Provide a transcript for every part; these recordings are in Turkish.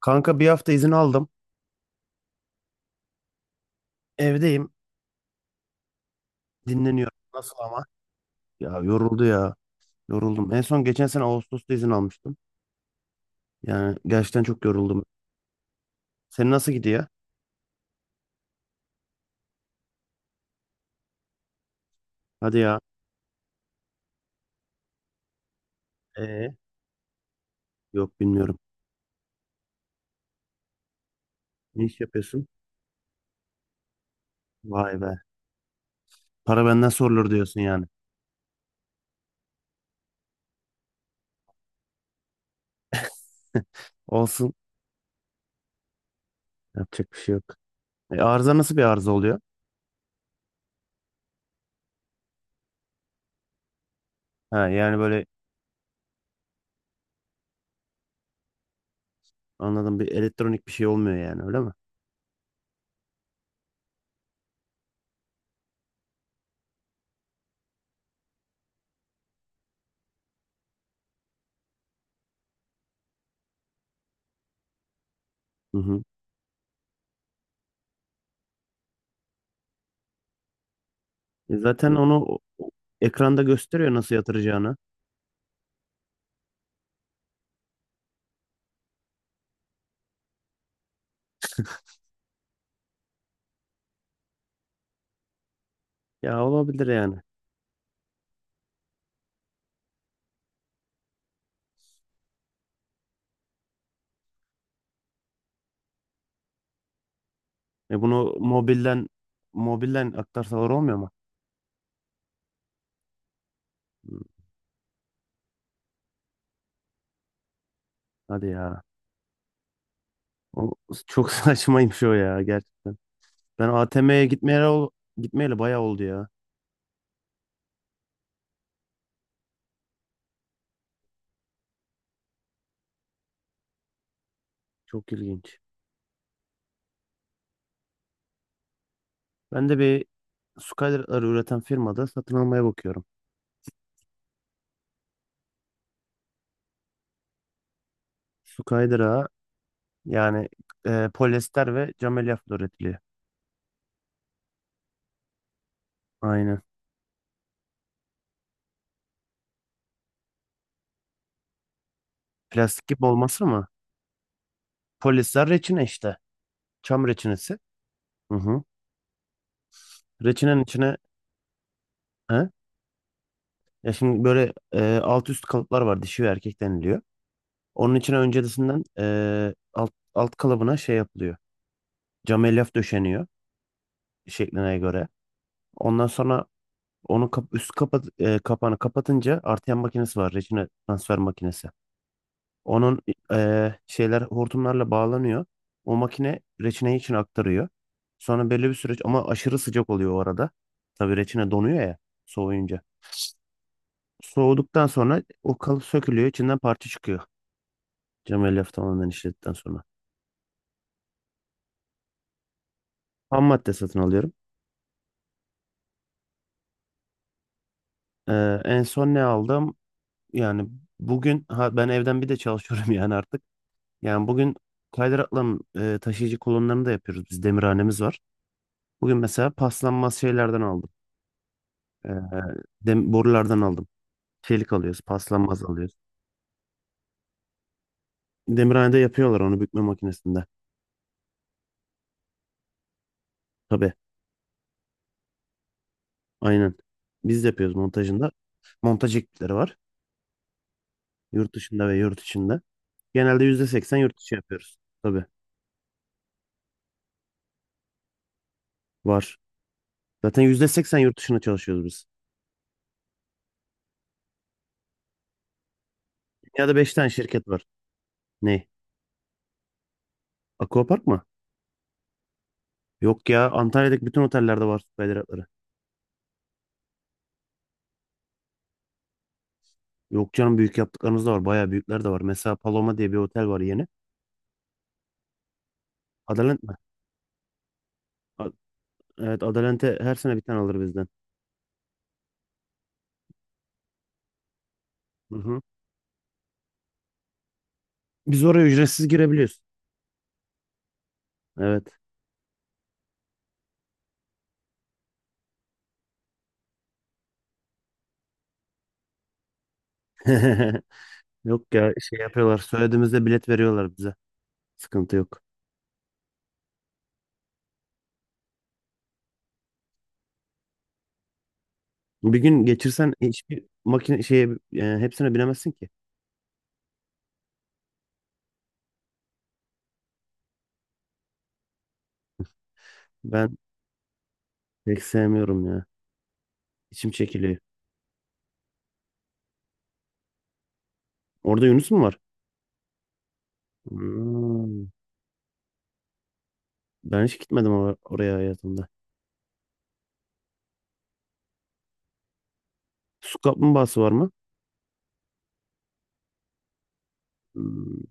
Kanka bir hafta izin aldım. Evdeyim. Dinleniyorum. Nasıl ama? Ya yoruldu ya. Yoruldum. En son geçen sene Ağustos'ta izin almıştım. Yani gerçekten çok yoruldum. Senin nasıl gidiyor? Hadi ya. Ee, yok bilmiyorum. Ne iş yapıyorsun? Vay be. Para benden sorulur diyorsun yani. Olsun. Yapacak bir şey yok. Arıza nasıl bir arıza oluyor? Ha, yani böyle anladım, bir elektronik bir şey olmuyor yani, öyle mi? Hı hı. Zaten onu ekranda gösteriyor nasıl yatıracağını. Ya olabilir yani. Bunu mobilden aktarsalar olmuyor mu? Hmm. Hadi ya. O çok saçmaymış o ya, gerçekten. Ben ATM'ye gitmeyeli gitmeyeli bayağı oldu ya. Çok ilginç. Ben de bir Skyder'ları üreten firmada satın almaya bakıyorum. Skyder'a yani polyester ve cam elyafla üretiliyor. Aynen. Plastik gibi olması mı? Polyester reçine işte. Çam reçinesi. Hı hı. Reçinenin içine, he? Ya şimdi böyle alt üst kalıplar var. Dişi ve erkek deniliyor. Onun için öncesinden alt kalıbına şey yapılıyor. Cam elyaf döşeniyor şekline göre. Ondan sonra onun kapağını kapatınca, artıyan makinesi var. Reçine transfer makinesi. Onun şeyler hortumlarla bağlanıyor. O makine reçineyi için aktarıyor. Sonra belli bir süreç, ama aşırı sıcak oluyor o arada. Tabii reçine donuyor ya, soğuyunca. Soğuduktan sonra o kalıp sökülüyor. İçinden parça çıkıyor. Cam elyaf tamamen işledikten sonra. Ham madde satın alıyorum. En son ne aldım? Yani bugün, ha, ben evden bir de çalışıyorum yani artık. Yani bugün kaydırakların taşıyıcı kolonlarını da yapıyoruz. Biz demirhanemiz var. Bugün mesela paslanmaz şeylerden aldım. Ee, borulardan aldım. Çelik alıyoruz, paslanmaz alıyoruz. Demirhanede yapıyorlar onu, bükme makinesinde. Tabii, aynen. Biz de yapıyoruz montajında. Montaj ekipleri var. Yurt dışında ve yurt içinde. Genelde %80 yurt dışı yapıyoruz. Tabii, var. Zaten %80 yurt dışına çalışıyoruz biz. Dünyada 5 tane şirket var. Ne? Aquapark mı? Yok ya, Antalya'daki bütün otellerde var süper hidratları. Yok canım, büyük yaptıklarınız da var. Bayağı büyükler de var. Mesela Paloma diye bir otel var yeni. Adalent mi? A- evet, Adalent'e her sene bir tane alır bizden. Hı hı. Biz oraya ücretsiz girebiliyoruz. Evet. Yok ya, şey yapıyorlar. Söylediğimizde bilet veriyorlar bize. Sıkıntı yok. Bir gün geçirsen hiçbir makine şeye, hepsine binemezsin ki. Ben pek sevmiyorum ya. İçim çekiliyor. Orada Yunus mu var? Hmm. Ben hiç gitmedim oraya hayatımda. Su kaplumbağası var mı? Hmm,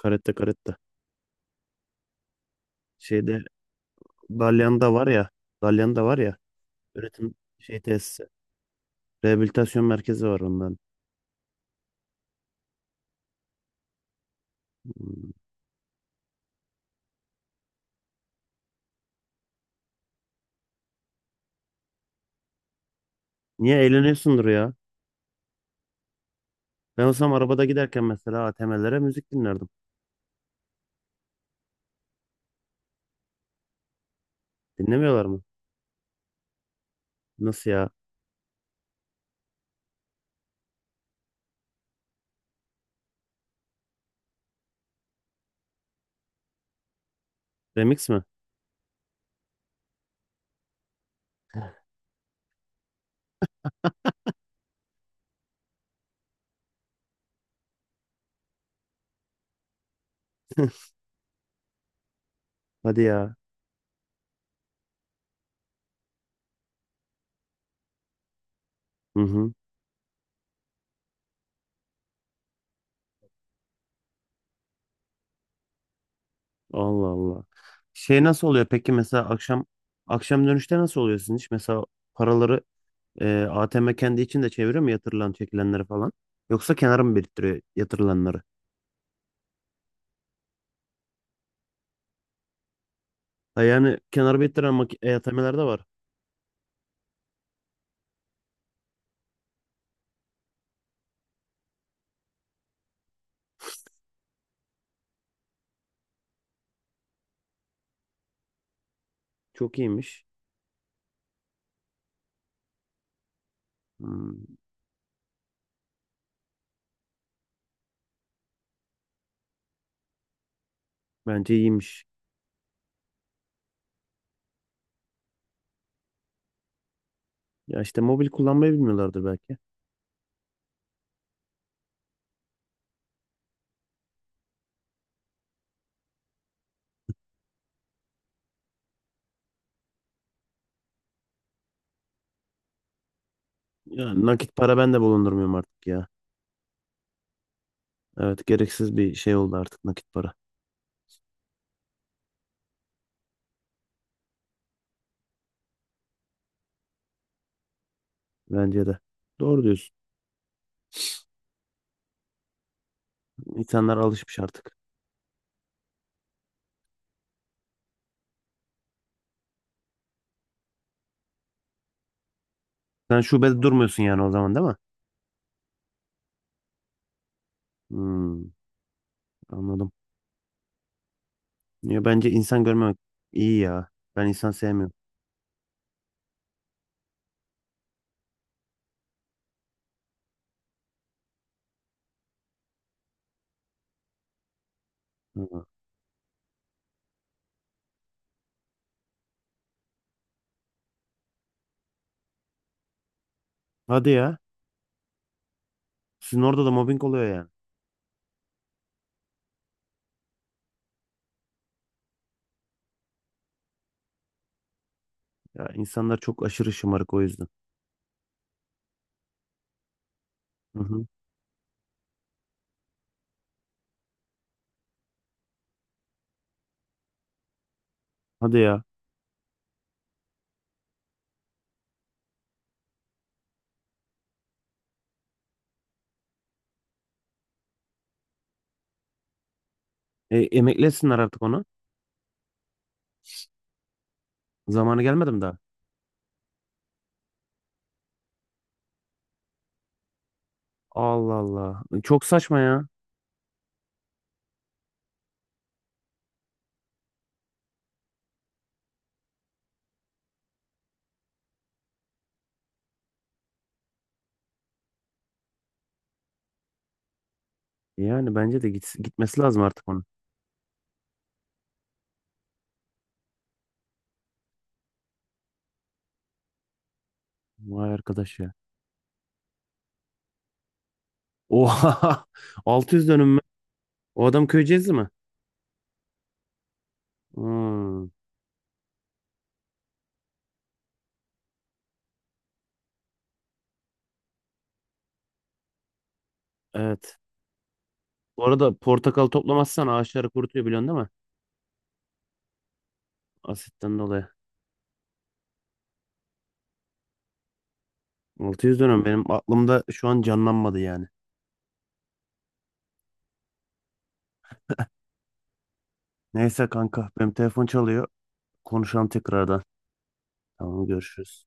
karette karette. Şeyde, Dalyan'da var ya. Dalyan'da var ya. Üretim şey tesisi. Rehabilitasyon merkezi var onların. Hmm. Niye eğleniyorsundur ya? Ben olsam arabada giderken mesela ATM'lere müzik dinlerdim. Dinlemiyorlar mı? Nasıl ya? Remix mi? Hadi ya. Hı hı. Allah Allah. Şey nasıl oluyor peki, mesela akşam akşam dönüşte nasıl oluyor sizin iş? Mesela paraları ATM kendi içinde çeviriyor mu, yatırılan çekilenleri falan? Yoksa kenara mı biriktiriyor yatırılanları? Ha, yani kenar bettiren EYTM'ler de var. Çok iyiymiş. Hmm. Bence iyiymiş. Ya işte, mobil kullanmayı bilmiyorlardır belki. Yani nakit para ben de bulundurmuyorum artık ya. Evet, gereksiz bir şey oldu artık nakit para. Bence de. Doğru diyorsun. İnsanlar alışmış artık. Sen şubede durmuyorsun yani o zaman, değil mi? Hmm, anladım. Ya bence insan görmemek iyi ya. Ben insan sevmiyorum. Hı. Hadi ya. Sizin orada da mobbing oluyor yani. Ya insanlar çok aşırı şımarık, o yüzden. Hı hı. Hadi ya. Emekli etsinler artık onu. Zamanı gelmedi mi daha? Allah Allah. Çok saçma ya. Yani bence de gitmesi lazım artık onun. Vay arkadaş ya. Oha! 600 dönüm mü? O adam köyceğiz mi? Hmm, evet. Bu arada portakal toplamazsan ağaçları kurutuyor biliyorsun, değil mi? Asitten dolayı. 600 dönüm benim aklımda şu an canlanmadı yani. Neyse kanka, benim telefon çalıyor. Konuşalım tekrardan. Tamam, görüşürüz.